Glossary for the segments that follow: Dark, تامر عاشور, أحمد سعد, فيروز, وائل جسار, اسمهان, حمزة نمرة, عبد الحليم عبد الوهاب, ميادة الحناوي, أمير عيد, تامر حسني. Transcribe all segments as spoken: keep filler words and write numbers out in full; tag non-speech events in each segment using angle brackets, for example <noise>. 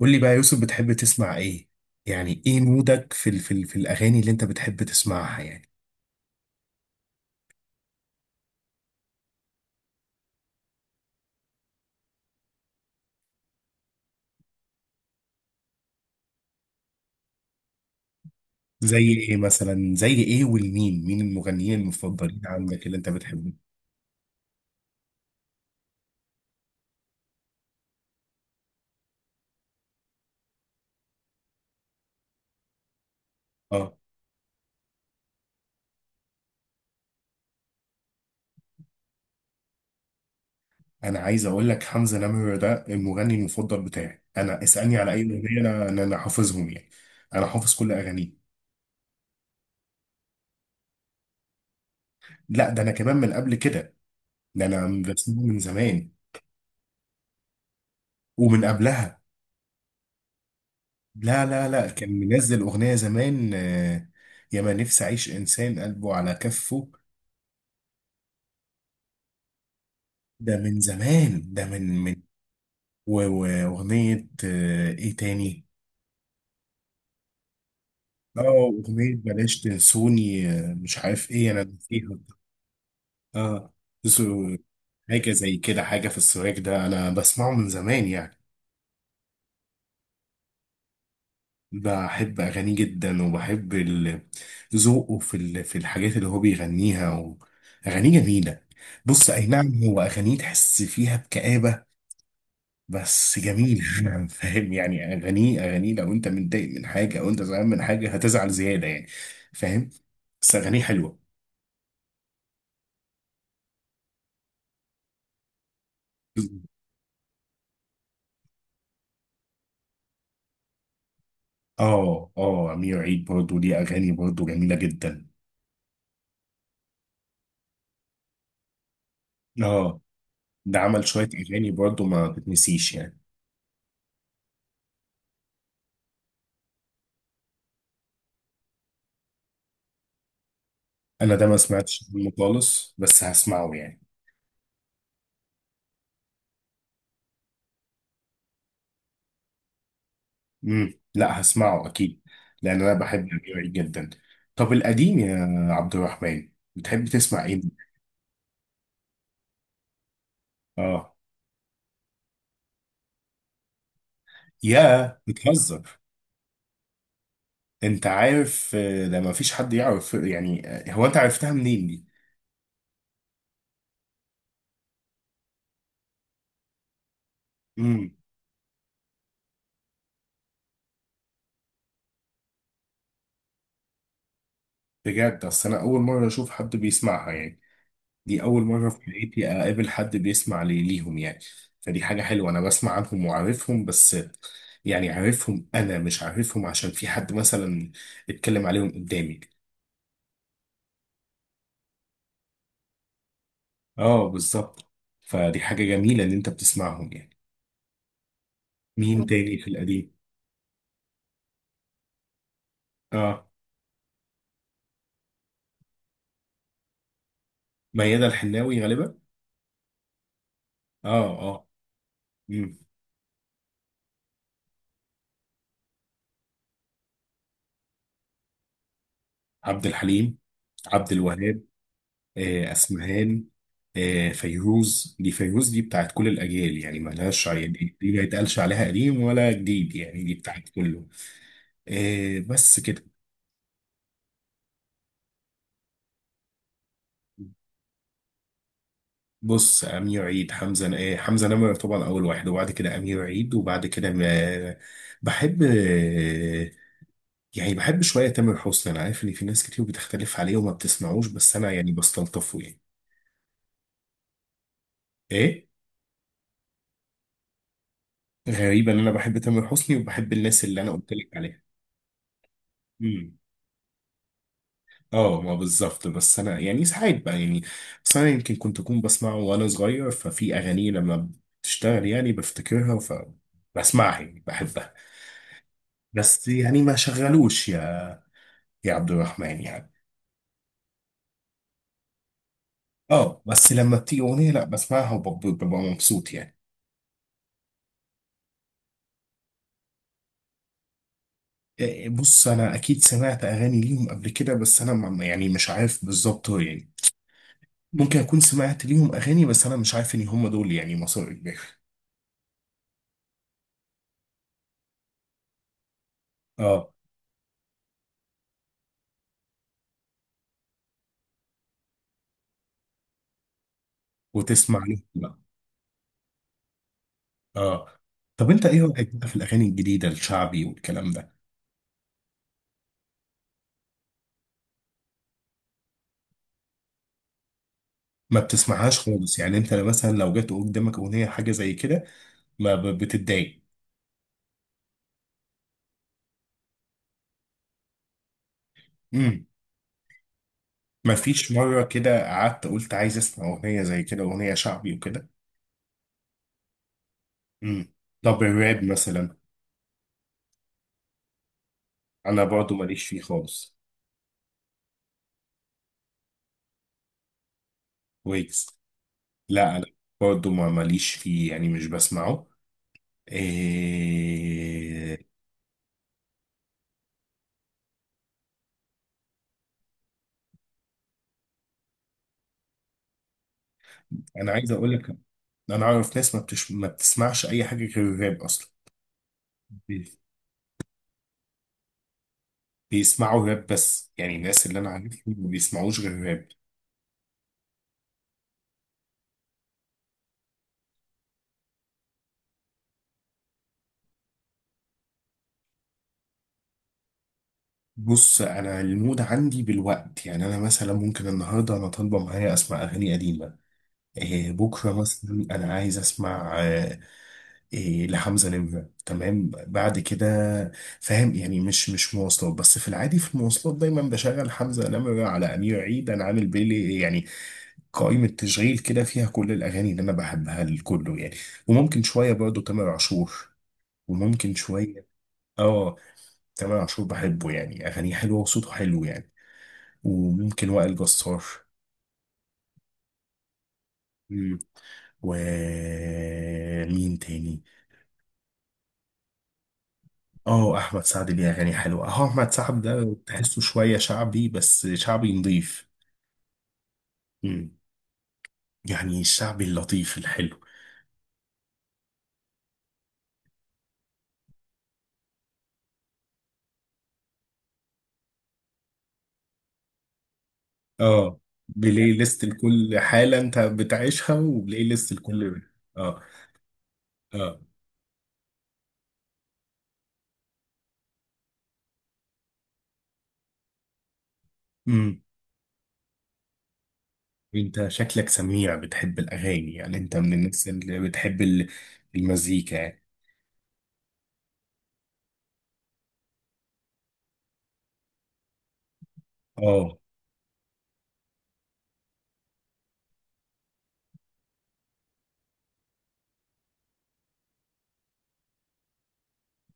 قول لي بقى يا يوسف، بتحب تسمع ايه؟ يعني ايه مودك في ال في ال في الاغاني اللي انت بتحب تسمعها يعني؟ زي ايه مثلا زي ايه، والمين مين المغنيين المفضلين عندك اللي انت بتحبهم؟ اه، انا عايز اقول لك حمزة نمرة ده المغني المفضل بتاعي، انا اسالني على اي اغنيه، انا انا أنا حافظهم يعني. انا حافظ كل اغانيه. لا، ده انا كمان من قبل كده، ده انا بسمعه من زمان. ومن قبلها. لا لا لا، كان منزل اغنيه زمان، آه، يا ما نفسي اعيش انسان قلبه على كفه. ده من زمان، ده من من. و- وأغنية، آه، إيه تاني؟ اه، أغنية بلاش تنسوني، آه، مش عارف إيه، أنا نسيها. اه. تسو- حاجة زي كده، حاجة في السواك، ده أنا بسمعه من زمان يعني. بحب أغانيه جدا، وبحب ال- ذوقه في ال- في الحاجات اللي هو بيغنيها، و- أغانيه جميلة. بص، أي نعم، هو أغانيه تحس فيها بكآبة، بس جميل <laughs> فاهم يعني؟ اغانيه اغانيه لو انت متضايق من حاجه، او انت زعلان من حاجه، هتزعل زياده يعني. فاهم؟ بس اغانيه حلوه. اه اه، امير عيد برضه ليه اغاني برضه جميله جدا. اه، ده عمل شويه اغاني برضه ما تتنسيش يعني. انا ده ما سمعتش منه خالص، بس هسمعه يعني. امم لا، هسمعه اكيد، لان انا بحب امير عيد جدا. طب القديم يا عبد الرحمن، بتحب تسمع ايه؟ اه، يا بتهزر؟ انت عارف، آه، ده ما فيش حد يعرف يعني، آه، هو انت عرفتها منين دي؟ امم، بجد، اصل انا اول مره اشوف حد بيسمعها يعني، دي اول مره في حياتي اقابل حد بيسمع لي- ليهم يعني. فدي حاجه حلوه، انا بسمع عنهم وعارفهم، بس آه، يعني عارفهم، انا مش عارفهم عشان في حد مثلا اتكلم عليهم قدامي. اه، بالظبط. فدي حاجه جميله ان انت بتسمعهم يعني. مين تاني في القديم؟ اه، ميادة الحناوي غالبا. اه اه. مم. عبد الحليم، عبد الوهاب، آه، اسمهان، آه، فيروز، دي فيروز دي بتاعت كل الاجيال يعني، ملهاش ع- دي دي ما يتقالش عليها قديم ولا جديد يعني، دي بتاعت كله. آه، بس كده. بص، امير عيد، حمزه ن- آه، حمزه نمره طبعا اول واحد، وبعد كده امير عيد، وبعد كده ما- بحب، آه، يعني بحب شويه تامر حسني. انا عارف ان في ناس كتير بتختلف عليه وما بتسمعوش، بس انا يعني بستلطفه يعني. ايه؟ غريبه ان انا بحب تامر حسني وبحب الناس اللي انا قلت لك عليها. اه ما بالظبط، بس انا يعني ساعات بقى يعني. بس انا يمكن كنت اكون بسمعه وانا صغير، ففي اغاني لما بتشتغل يعني بفتكرها فبسمعها يعني، بحبها. بس يعني ما شغلوش يا يا عبد الرحمن يعني. اه، بس لما بتيجي اغنيه، لا بسمعها، وببقى ببقى مبسوط يعني. إيه، بص، انا اكيد سمعت اغاني ليهم قبل كده، بس انا ما- يعني مش عارف بالظبط هو يعني، ممكن اكون سمعت ليهم اغاني، بس انا مش عارف ان هم دول يعني مصر اجباري. اه، وتسمع لهم. اه، طب انت ايه رايك بقى في الاغاني الجديده، الشعبي والكلام ده؟ ما بتسمعهاش خالص يعني؟ انت مثلا لو جت قدامك اغنيه حاجه زي كده ما ب- بتتضايق؟ امم، ما فيش مره كده قعدت قلت عايز اسمع اغنيه زي كده، اغنيه شعبي وكده؟ امم. طب الراب مثلا؟ انا برضو ماليش فيه خالص. ويجز. لا، انا برضو ما ماليش فيه يعني، مش بسمعه. إيه... انا عايز اقول لك، انا اعرف ناس ما بتش... ما بتسمعش اي حاجه غير الراب اصلا. بيسمعوا راب بس يعني، الناس اللي انا عارفهم ما بيسمعوش غير راب. بص، انا المود عندي بالوقت يعني، انا مثلا ممكن النهارده انا طالبه معايا اسمع اغاني قديمه، إيه، بكره مثلا انا عايز اسمع آه، إيه لحمزه نمره، تمام بعد كده. فاهم يعني؟ مش مش مواصلات بس، في العادي في المواصلات دايما بشغل حمزه نمره على امير عيد، انا عامل بيلي يعني، قائمه تشغيل كده فيها كل الاغاني اللي انا بحبها لكله يعني. وممكن شويه برضه تامر عاشور. وممكن شوية. اه، تامر عاشور بحبه يعني، اغانيه حلوه وصوته حلو يعني. وممكن وائل جسار. مم. و مين تاني؟ اه، احمد سعد ليه اغاني حلوه. اه، احمد سعد ده تحسه شويه شعبي، بس شعبي نضيف. مم. يعني الشعبي اللطيف الحلو. اه، بلاي ليست لكل حاله انت بتعيشها، وبلاي ليست لكل. اه اه. امم. انت شكلك سميع، بتحب الاغاني يعني، انت من الناس اللي بتحب ال- المزيكا يعني. اه.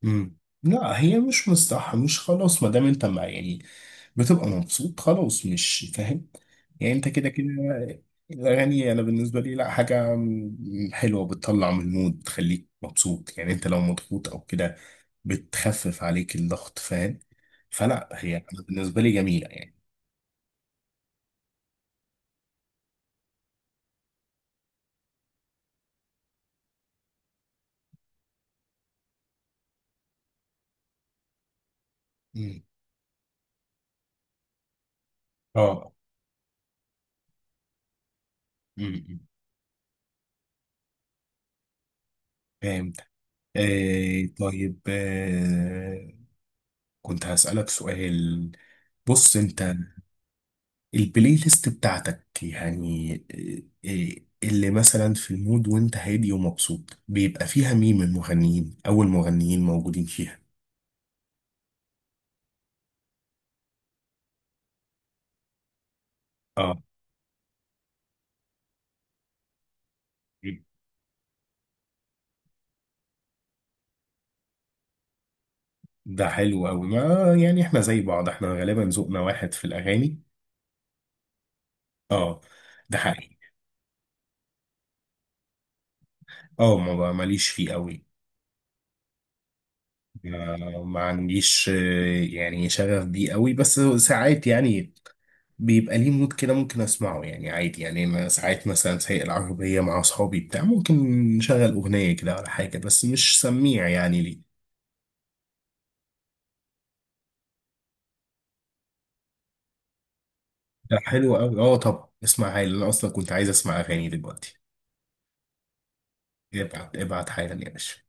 مم. لا، هي مش مستح مش خلاص، ما دام انت مع يعني، بتبقى مبسوط خلاص، مش فاهم يعني؟ انت كده كده الاغاني، انا بالنسبه لي لا، حاجه م- حلوه، بتطلع من المود، بتخليك مبسوط يعني، انت لو مضغوط او كده بتخفف عليك الضغط، فاهم؟ فلا، هي انا بالنسبه لي جميله يعني. مم. اه. مم. فهمت. آه، طيب. آه، كنت هسألك سؤال. بص، انت البلاي ليست بتاعتك يعني، إيه- اللي مثلا في المود وانت هادي ومبسوط، بيبقى فيها مين من المغنيين؟ او المغنيين موجودين فيها. اه. ده حلو قوي، ما يعني احنا زي بعض، احنا غالبا ذوقنا واحد في الاغاني. اه. ده حقيقي. اه، ما بقى- ماليش فيه قوي. ما ما عنديش، آه، يعني شغف بيه قوي، بس ساعات يعني بيبقى ليه مود كده ممكن اسمعه يعني عادي. يعني انا ساعات مثلا سايق العربيه مع اصحابي بتاع، ممكن نشغل اغنيه كده ولا حاجه، بس مش سميع يعني ليه. ده حلو قوي، اه، طب اسمع حالا، انا اصلا كنت عايز اسمع اغاني دلوقتي. ابعت ابعت حالا يا باشا.